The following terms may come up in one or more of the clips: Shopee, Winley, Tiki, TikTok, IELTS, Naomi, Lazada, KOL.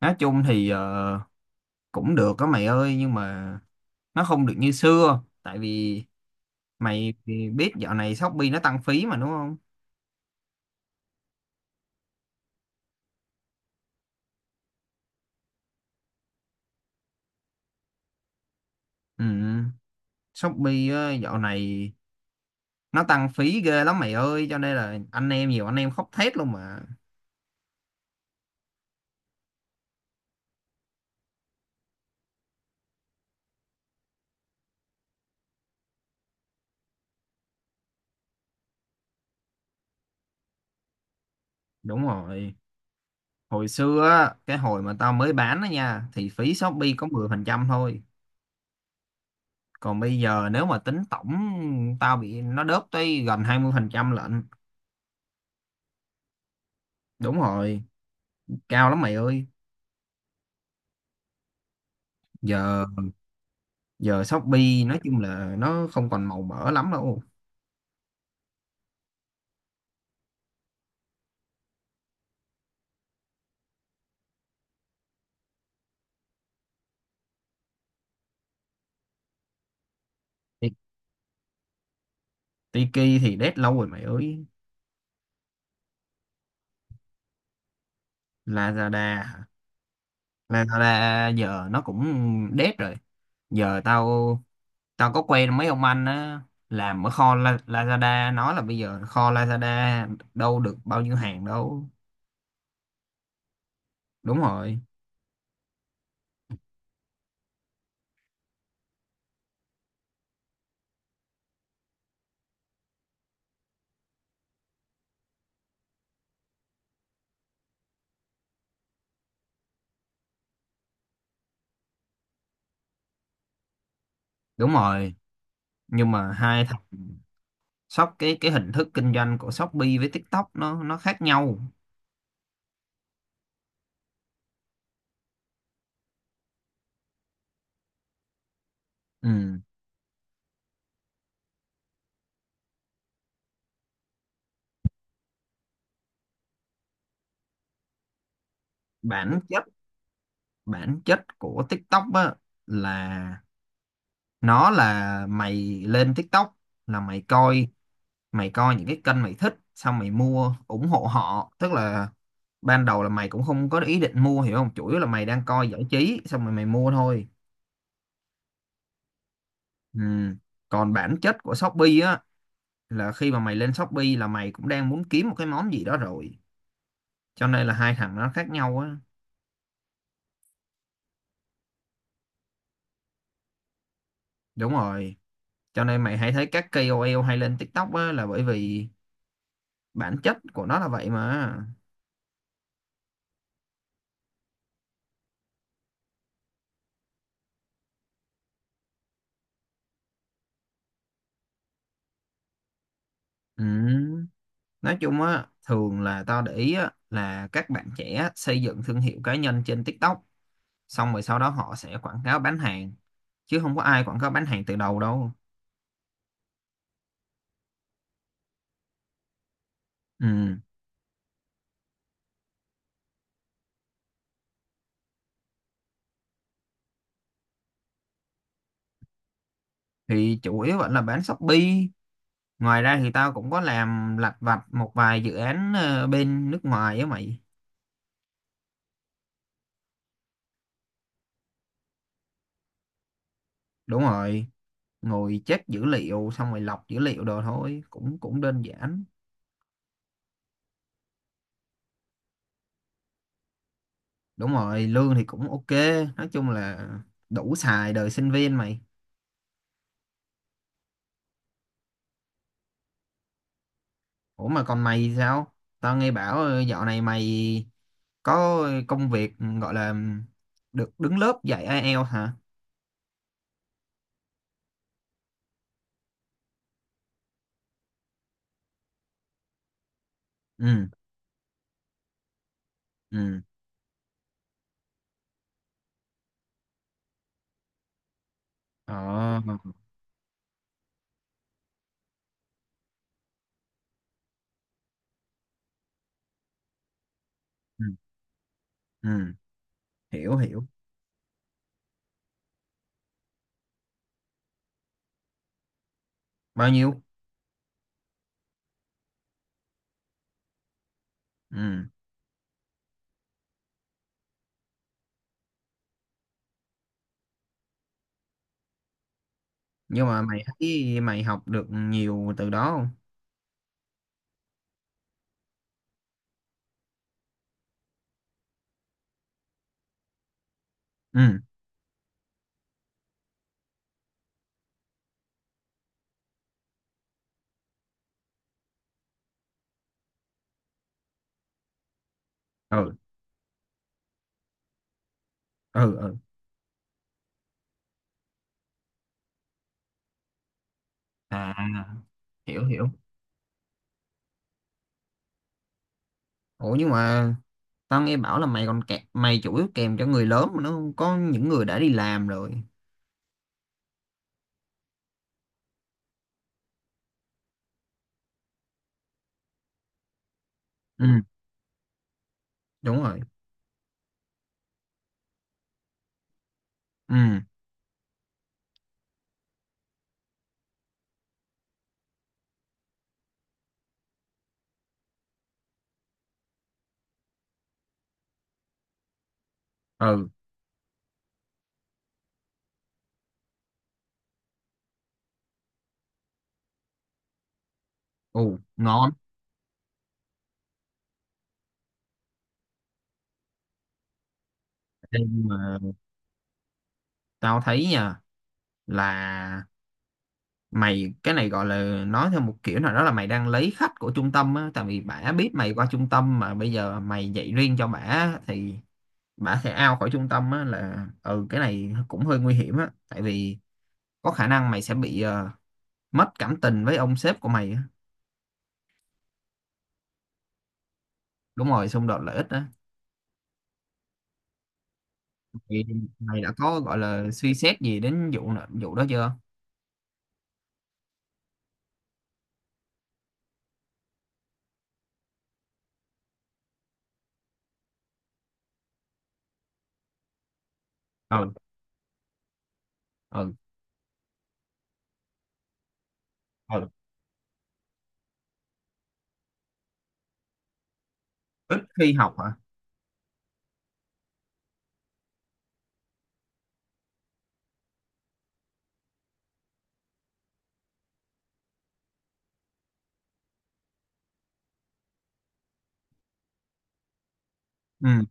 Nói chung thì cũng được đó mày ơi, nhưng mà nó không được như xưa, tại vì mày thì biết dạo này Shopee nó tăng phí mà, đúng không? Ừ, Shopee á, dạo này nó tăng phí ghê lắm mày ơi, cho nên là anh em, nhiều anh em khóc thét luôn mà. Đúng rồi, hồi xưa á, cái hồi mà tao mới bán đó nha, thì phí Shopee có 10% thôi. Còn bây giờ nếu mà tính tổng, tao bị nó đớp tới gần 20% lận. Đúng rồi, cao lắm mày ơi. Giờ giờ Shopee nói chung là nó không còn màu mỡ lắm đâu. Ti- Tiki thì dead lâu rồi mày ơi. Lazada hả? Lazada giờ nó cũng dead rồi. Giờ tao tao có quen mấy ông anh á làm ở kho Lazada, nói là bây giờ kho Lazada đâu được bao nhiêu hàng đâu. Đúng rồi, đúng rồi, nhưng mà hai thằng shop, cái hình thức kinh doanh của Shopee với TikTok nó khác nhau. Ừ. bản chất bản chất của TikTok á, là nó là mày lên TikTok là mày coi những cái kênh mày thích, xong mày mua ủng hộ họ, tức là ban đầu là mày cũng không có ý định mua, hiểu không, chủ yếu là mày đang coi giải trí xong rồi mày mua thôi. Ừ. Còn bản chất của Shopee á, là khi mà mày lên Shopee là mày cũng đang muốn kiếm một cái món gì đó rồi, cho nên là hai thằng nó khác nhau á. Đúng rồi, cho nên mày hãy thấy các KOL hay lên TikTok á là bởi vì bản chất của nó là vậy mà. Ừ. Nói chung á, thường là tao để ý á, là các bạn trẻ xây dựng thương hiệu cá nhân trên TikTok, xong rồi sau đó họ sẽ quảng cáo bán hàng, chứ không có ai quảng cáo bán hàng từ đầu đâu. Ừ. Thì chủ yếu vẫn là bán Shopee, ngoài ra thì tao cũng có làm lặt vặt một vài dự án bên nước ngoài á mày. Đúng rồi, ngồi check dữ liệu xong rồi lọc dữ liệu đồ thôi, cũng cũng đơn giản. Đúng rồi, lương thì cũng ok, nói chung là đủ xài đời sinh viên mày. Ủa mà còn mày thì sao? Tao nghe bảo dạo này mày có công việc gọi là được đứng lớp dạy IELTS hả? Ừ, ừ. Ờ, ừ, ừ. Hiểu, hiểu. Bao nhiêu? Ừ. Nhưng mà mày thấy mày học được nhiều từ đó không? Ừ, ừ, ừ, ừ. À, hiểu, hiểu. Ủa nhưng mà tao nghe bảo là mày còn kẹt, mày chủ yếu kèm cho người lớn mà, nó có những người đã đi làm rồi. Ừ, đúng rồi. Ừ, ừ. Ồ, ngon. Ê, nhưng mà tao thấy nha, là mày cái này gọi là nói theo một kiểu nào đó là mày đang lấy khách của trung tâm á, tại vì bả biết mày qua trung tâm mà bây giờ mày dạy riêng cho bả thì bả sẽ out khỏi trung tâm á, là ừ cái này cũng hơi nguy hiểm á, tại vì có khả năng mày sẽ bị mất cảm tình với ông sếp của mày á. Đúng rồi, xung đột lợi ích á. Thì mày đã có gọi là suy xét gì đến vụ đó chưa? Ừ, ừ, ừ. Ít khi học hả? Ừ,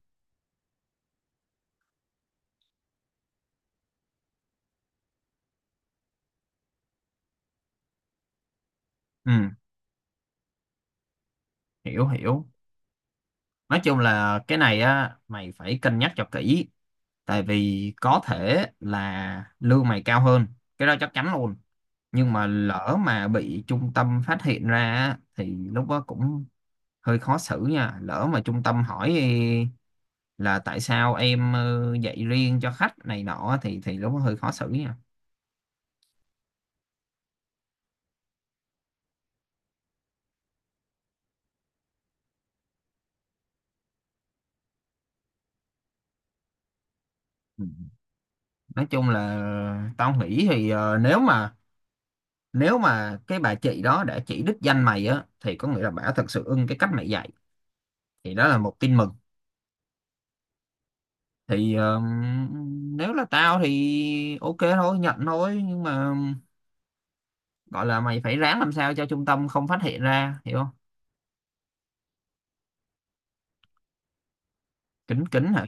ừ. Hiểu, hiểu. Nói chung là cái này á, mày phải cân nhắc cho kỹ, tại vì có thể là lương mày cao hơn, cái đó chắc chắn luôn, nhưng mà lỡ mà bị trung tâm phát hiện ra á, thì lúc đó cũng hơi khó xử nha. Lỡ mà trung tâm hỏi là tại sao em dạy riêng cho khách này nọ, thì lúc đó hơi khó xử nha. Ừ. Nói chung là tao nghĩ thì nếu mà, nếu mà cái bà chị đó đã chỉ đích danh mày á thì có nghĩa là bà thật sự ưng cái cách mày dạy, thì đó là một tin mừng. Thì nếu là tao thì ok thôi, nhận thôi, nhưng mà gọi là mày phải ráng làm sao cho trung tâm không phát hiện ra, hiểu không? Kín kín hả?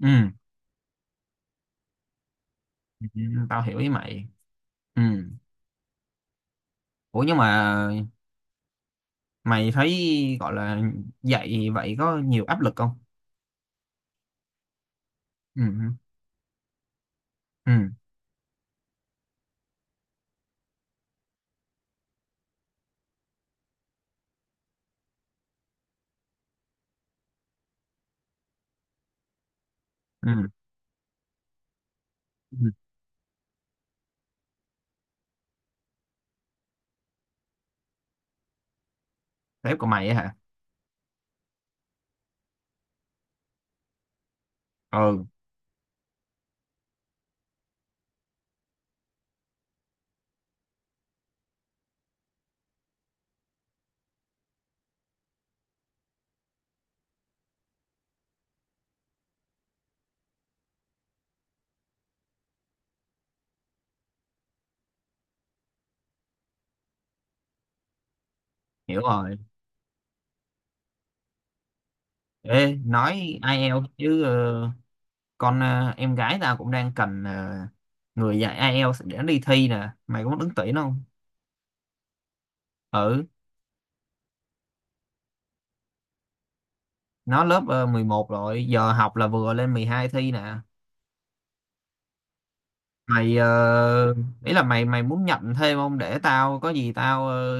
Ừ. Ừ, tao hiểu ý mày. Ừ. Ủa nhưng mà mày thấy, gọi là, dạy vậy có nhiều áp lực không? Ừ, ừ, ừ, ừ. Sếp của mày á hả? Ừ. Hiểu rồi. Ê nói IELTS chứ con em gái tao cũng đang cần người dạy IELTS để đi thi nè, mày có muốn ứng tuyển không? Ừ. Nó lớp 11 rồi, giờ học là vừa lên 12 thi nè mày. Ờ, Ý là mày mày muốn nhận thêm không, để tao có gì tao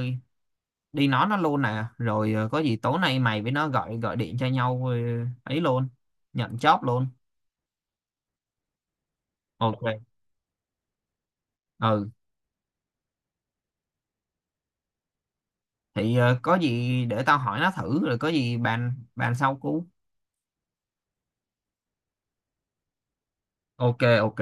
đi nói nó luôn nè, rồi có gì tối nay mày với nó gọi gọi điện cho nhau, ấy luôn, nhận job luôn. Ok. Ừ thì có gì để tao hỏi nó thử rồi có gì bàn bàn sau cú. Ok, ok.